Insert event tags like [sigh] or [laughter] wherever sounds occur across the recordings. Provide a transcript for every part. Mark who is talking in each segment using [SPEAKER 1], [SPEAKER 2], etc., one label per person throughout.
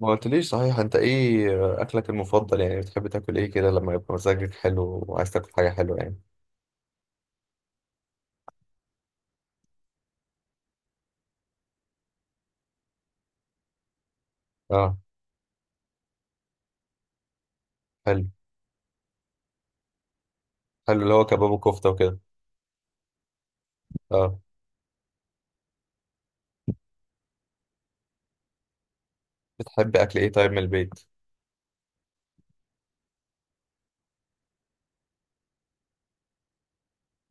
[SPEAKER 1] ما قلتليش، صحيح، انت ايه اكلك المفضل؟ يعني بتحب تاكل ايه كده لما يبقى مزاجك حلو وعايز تاكل حاجه حلوه يعني. اه. حلو. حلو اللي هو كباب وكفته وكده. اه. بتحب اكل ايه طيب من البيت؟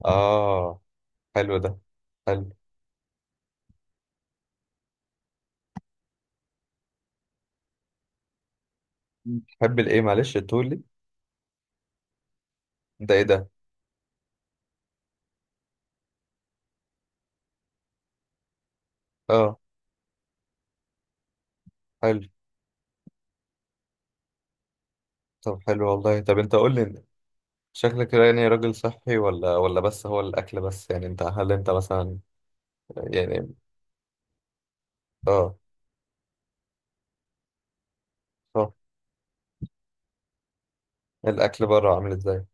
[SPEAKER 1] اه. حلو ده. حلو. مم. تحب الايه؟ معلش، تقول لي. ده ايه ده؟ اه حلو. طب حلو والله. طب انت قول لي انت، شكلك يعني راجل صحي؟ ولا بس هو الاكل بس يعني؟ انت هل انت مثلا يعني؟ اه. صح. الاكل بره عامل ازاي؟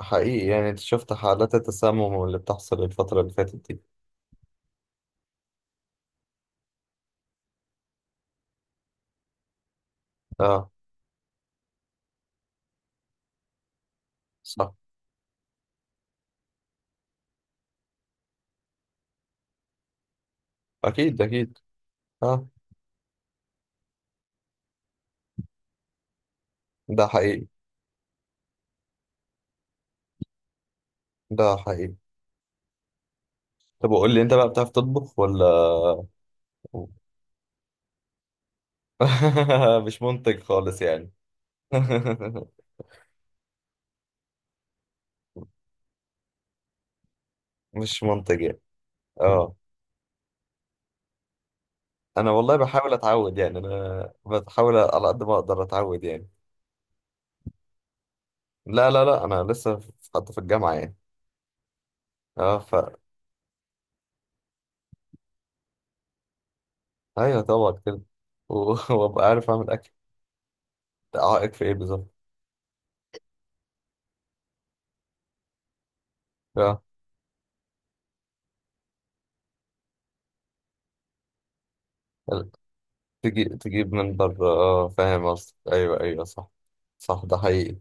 [SPEAKER 1] حقيقي، يعني انت شفت حالات التسمم اللي بتحصل الفترة اللي فاتت دي. اه. صح. اكيد اكيد. اه. ده حقيقي. ده حقيقي. طب وقول لي انت بقى، بتعرف تطبخ ولا؟ [laughs] مش منتج خالص يعني. [laughs] مش منتج يعني. اه. انا والله بحاول اتعود يعني، انا بحاول على قد ما اقدر اتعود يعني. لا لا لا، انا لسه في- حتى في الجامعة يعني. اه، ف- ايوه طبعا كده. و- [laughs] وابقى عارف اعمل اكل. عائق في ايه بالظبط؟ اه، تجيب تجيب من بره. اه فاهم قصدك، ايوه ايوه صح. صح، ده حقيقي.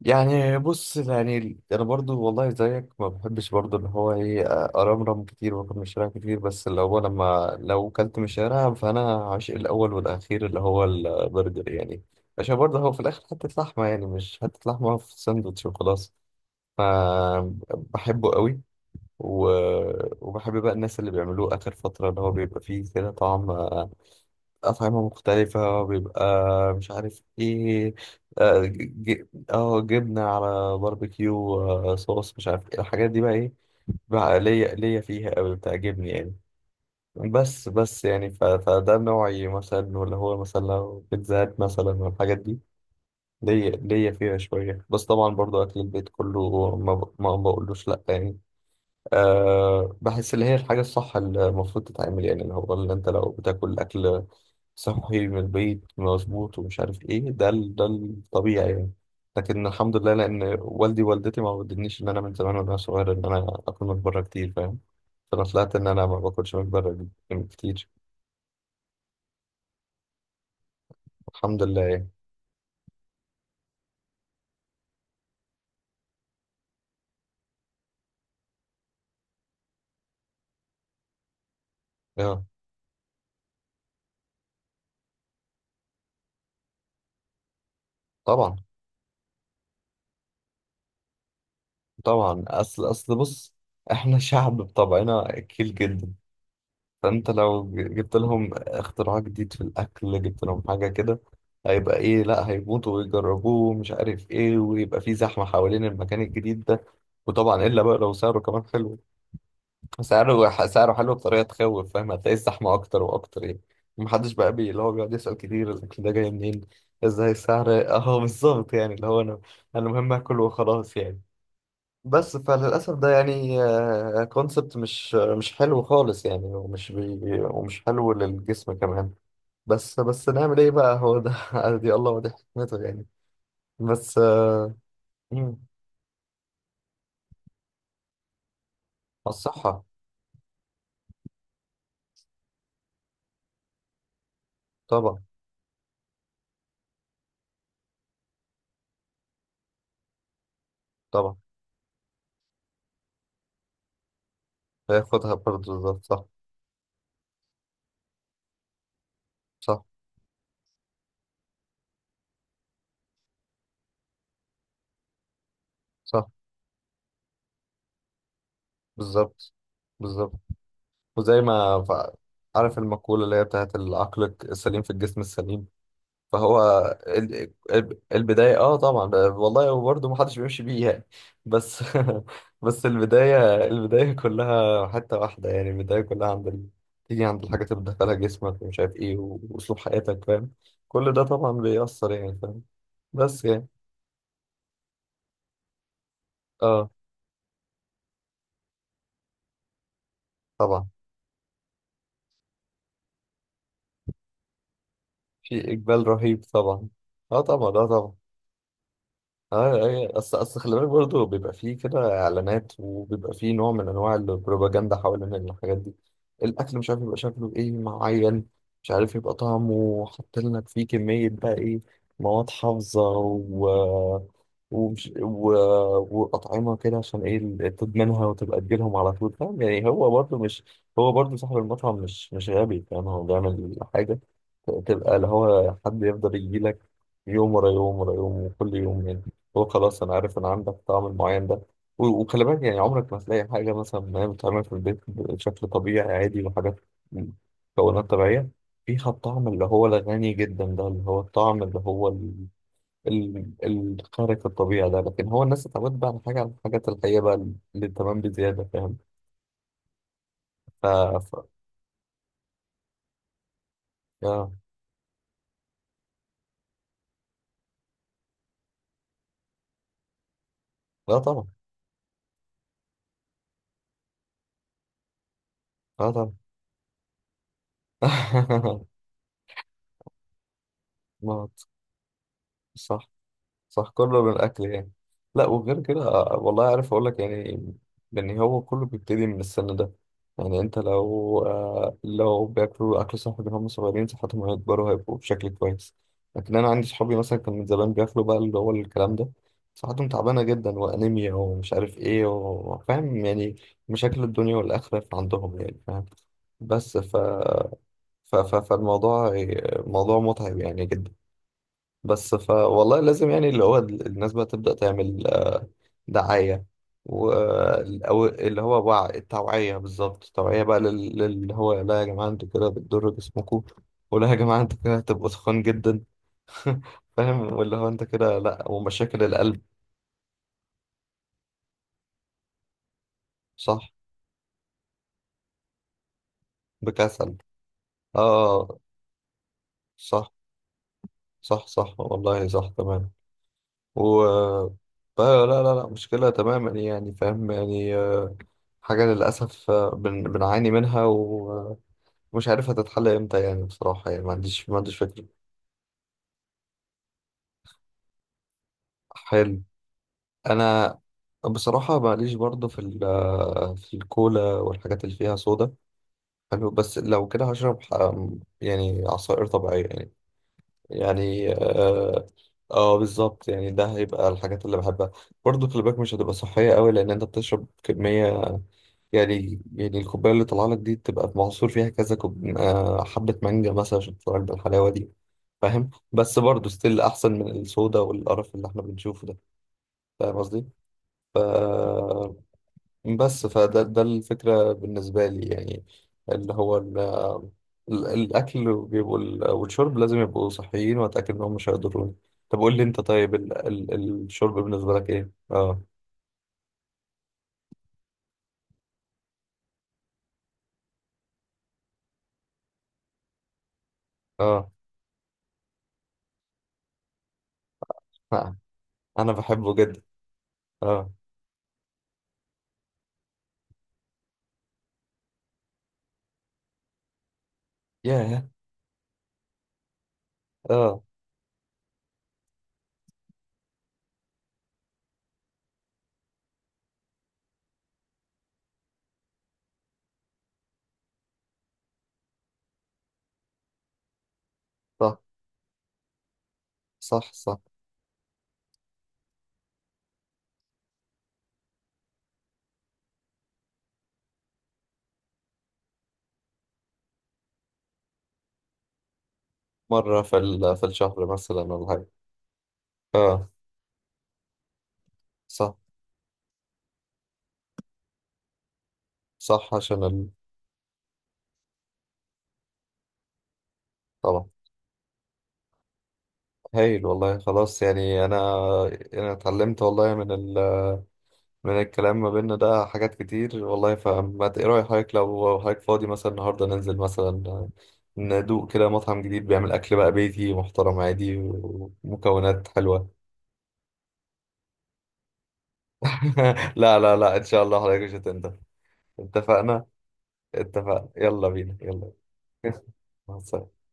[SPEAKER 1] يعني بص، يعني انا برضو والله زيك، ما بحبش برضو اللي هو ايه ارمرم كتير واكل من الشارع كتير، بس اللي هو لما لو كلت من الشارع فانا عاشق الاول والاخير اللي هو البرجر يعني. عشان برضه هو في الاخر حته لحمه يعني، مش حته لحمه في ساندوتش وخلاص. ف- بحبه قوي. و... وبحب بقى الناس اللي بيعملوه اخر فتره، اللي هو بيبقى فيه كده طعم، أطعمة مختلفة، بيبقى مش عارف إيه، جبنة على باربيكيو، صوص، مش عارف إيه الحاجات دي بقى إيه. بقى ليا ليا فيها أوي، بتعجبني يعني. بس يعني، ف- فده نوعي مثلا. ولا هو مثلا لو بيتزا هات مثلا والحاجات دي، ليا ليا فيها شوية. بس طبعا برضو أكل البيت كله، ما, ب... ما بقولوش لأ يعني. أه، بحس اللي هي الحاجة الصح اللي المفروض تتعمل يعني، اللي هو اللي انت لو بتاكل أكل صحي من البيت مظبوط ومش عارف ايه، ده ال- ده الطبيعي يعني. لكن الحمد لله، لأن والدي ووالدتي ما ودنيش إن أنا من زمان وأنا صغير إن أنا آكل من بره كتير، فاهم؟ فأنا طلعت إن أنا ما باكلش من بره كتير. الحمد لله يعني. اه طبعا. طبعا أصل أصل بص، إحنا شعب بطبعنا أكيل جدا. فانت لو ج- جبت لهم اختراع جديد في الاكل، جبت لهم حاجه كده، هيبقى ايه؟ لا، هيموتوا ويجربوه ومش عارف ايه، ويبقى في زحمه حوالين المكان الجديد ده. وطبعا الا بقى لو سعره كمان حلو. سعره حلو بطريقه تخوف، فاهم؟ هتلاقي الزحمه اكتر واكتر يعني. محدش بقى بي- اللي هو بيقعد يسال كتير الاكل ده جاي منين، ازاي السعر. [laughs] اه بالظبط. يعني اللي هو انا المهم اكل وخلاص يعني. بس فللأسف ده يعني كونسبت مش مش حلو خالص يعني، ومش بي- ومش حلو للجسم كمان. بس بس، نعمل ايه بقى؟ هو ده. [laughs] دي الله ودي حكمته يعني. بس مم، الصحة. طبعا. طبعا هياخدها برضه، بالظبط صح. صح صح. بالظبط. بالظبط. وزي ما ف- عارف المقولة اللي هي بتاعت العقل السليم في الجسم السليم؟ فهو ال- ال- البداية. اه طبعا والله. وبرضه ما حدش بيمشي بيه يعني. بس [laughs] بس البداية، البداية كلها حتة واحدة يعني، البداية كلها عند ال... تيجي عند الحاجة تبدأ لها جسمك ومش عارف ايه، و- وأسلوب حياتك، فاهم؟ كل ده طبعا بيأثر يعني، فاهم؟ بس يعني. اه طبعا. في إقبال رهيب طبعا. اه طبعا، اه طبعا. اه ايوه، اصل اصل خلي بالك برضه بيبقى فيه كده اعلانات، وبيبقى فيه نوع من انواع البروباجندا حوالين الحاجات دي. الاكل مش عارف يبقى شكله ايه معين، مش عارف يبقى طعمه، حاطين لك فيه كميه بقى ايه، مواد حافظه، و- ومش و... واطعمه كده، عشان ايه؟ ال- تدمنها وتبقى تجيلهم على طول، فاهم يعني؟ هو برضه مش- هو برضه صاحب المطعم مش مش غبي، فاهم؟ هو بيعمل حاجه تبقى اللي هو حد يفضل يجيلك يوم ورا يوم ورا يوم وكل يوم يعني. هو خلاص انا عارف ان عندك طعم معين ده. و- وخلي بالك يعني، عمرك ما هتلاقي حاجه مثلا ما هي بتتعمل في البيت بشكل طبيعي عادي، وحاجات مكونات طبيعيه، فيها الطعم اللي هو الغني جدا ده، اللي هو الطعم اللي هو ال- ال- الخارق الطبيعي ده. لكن هو الناس اتعودت بقى على حاجه، على الحاجات الحقيقيه بقى اللي تمام بزياده، فاهم؟ ف... ف... آه. لا طبعا. لا طبعا. [laughs] موت. صح. صح، كله من الأكل يعني. لا وغير كده والله عارف أقول لك يعني إن هو كله بيبتدي من السن ده. يعني أنت لو آه لو بياكلوا أكل صحي من هم صغيرين، صحتهم هيكبروا هيبقوا بشكل كويس. لكن أنا عندي صحابي مثلا كان من زمان بياكلوا بقى اللي هو الكلام ده، صحتهم تعبانة جدا وأنيميا ومش عارف إيه، وفاهم يعني مشاكل الدنيا والآخرة عندهم يعني، فاهم؟ بس ف... ف... ف... فالموضوع موضوع متعب يعني جدا. بس ف والله لازم يعني اللي هو ال- الناس بقى تبدأ تعمل دعاية، و- أو اللي هو وع- التوعية، بالظبط التوعية بقى لل- للي هو لا يا جماعة انتوا كده بتضروا جسمكم، ولا يا جماعة انتوا كده هتبقوا تخان جدا. [laughs] فاهم؟ واللي هو انت كده لا، ومشاكل القلب. صح. بكسل. اه. صح صح صح والله، صح تمام. و- فلا لا لا لا، مشكلة تماما يعني، فاهم يعني؟ حاجة للأسف، بن- بنعاني منها. مش عارف هتتحل امتى يعني، بصراحة يعني ما عنديش، ما عنديش فكرة. حلو. أنا بصراحة ماليش برضه في ال- في الكولا والحاجات اللي فيها صودا. حلو، بس لو كده هشرب ح- يعني عصائر طبيعية يعني. يعني اه, بالظبط يعني، ده هيبقى الحاجات اللي بحبها. برضه خلي بالك مش هتبقى صحية قوي، لأن أنت بتشرب كمية، يعني يعني الكوباية اللي طالعة لك دي تبقى معصور فيها كذا كوب... حبة مانجا مثلا عشان تطلع لك بالحلاوة دي، فاهم؟ بس برضه ستيل أحسن من الصودا والقرف اللي احنا بنشوفه ده. فاهم قصدي؟ ف... بس فده ده الفكرة بالنسبة لي يعني. اللي هو ال... ال- الأكل بيبقوا ال- والشرب لازم يبقوا صحيين، وأتأكد إنهم مش هيضروني. طب قول لي أنت طيب، ال... ال... الشرب بالنسبة لك إيه؟ آه آه. أنا بحبه جدا. آه. ياه. آه. صح صح صح. مرة في ال- في الشهر مثلا ولا حاجة؟ اه. صح صح، عشان ال... طبعا. هايل والله. خلاص يعني انا اتعلمت والله من ال... من الكلام ما بيننا ده حاجات كتير والله. فما ت- ايه رأي حضرتك لو حضرتك فاضي مثلا النهارده ننزل مثلا ندوق كده مطعم جديد بيعمل اكل بقى بيتي محترم عادي ومكونات حلوة؟ [laughs] لا لا لا، ان شاء الله حضرتك مش هتندم. اتفقنا. اتفقنا، يلا بينا، يلا. [laughs] مع السلامة.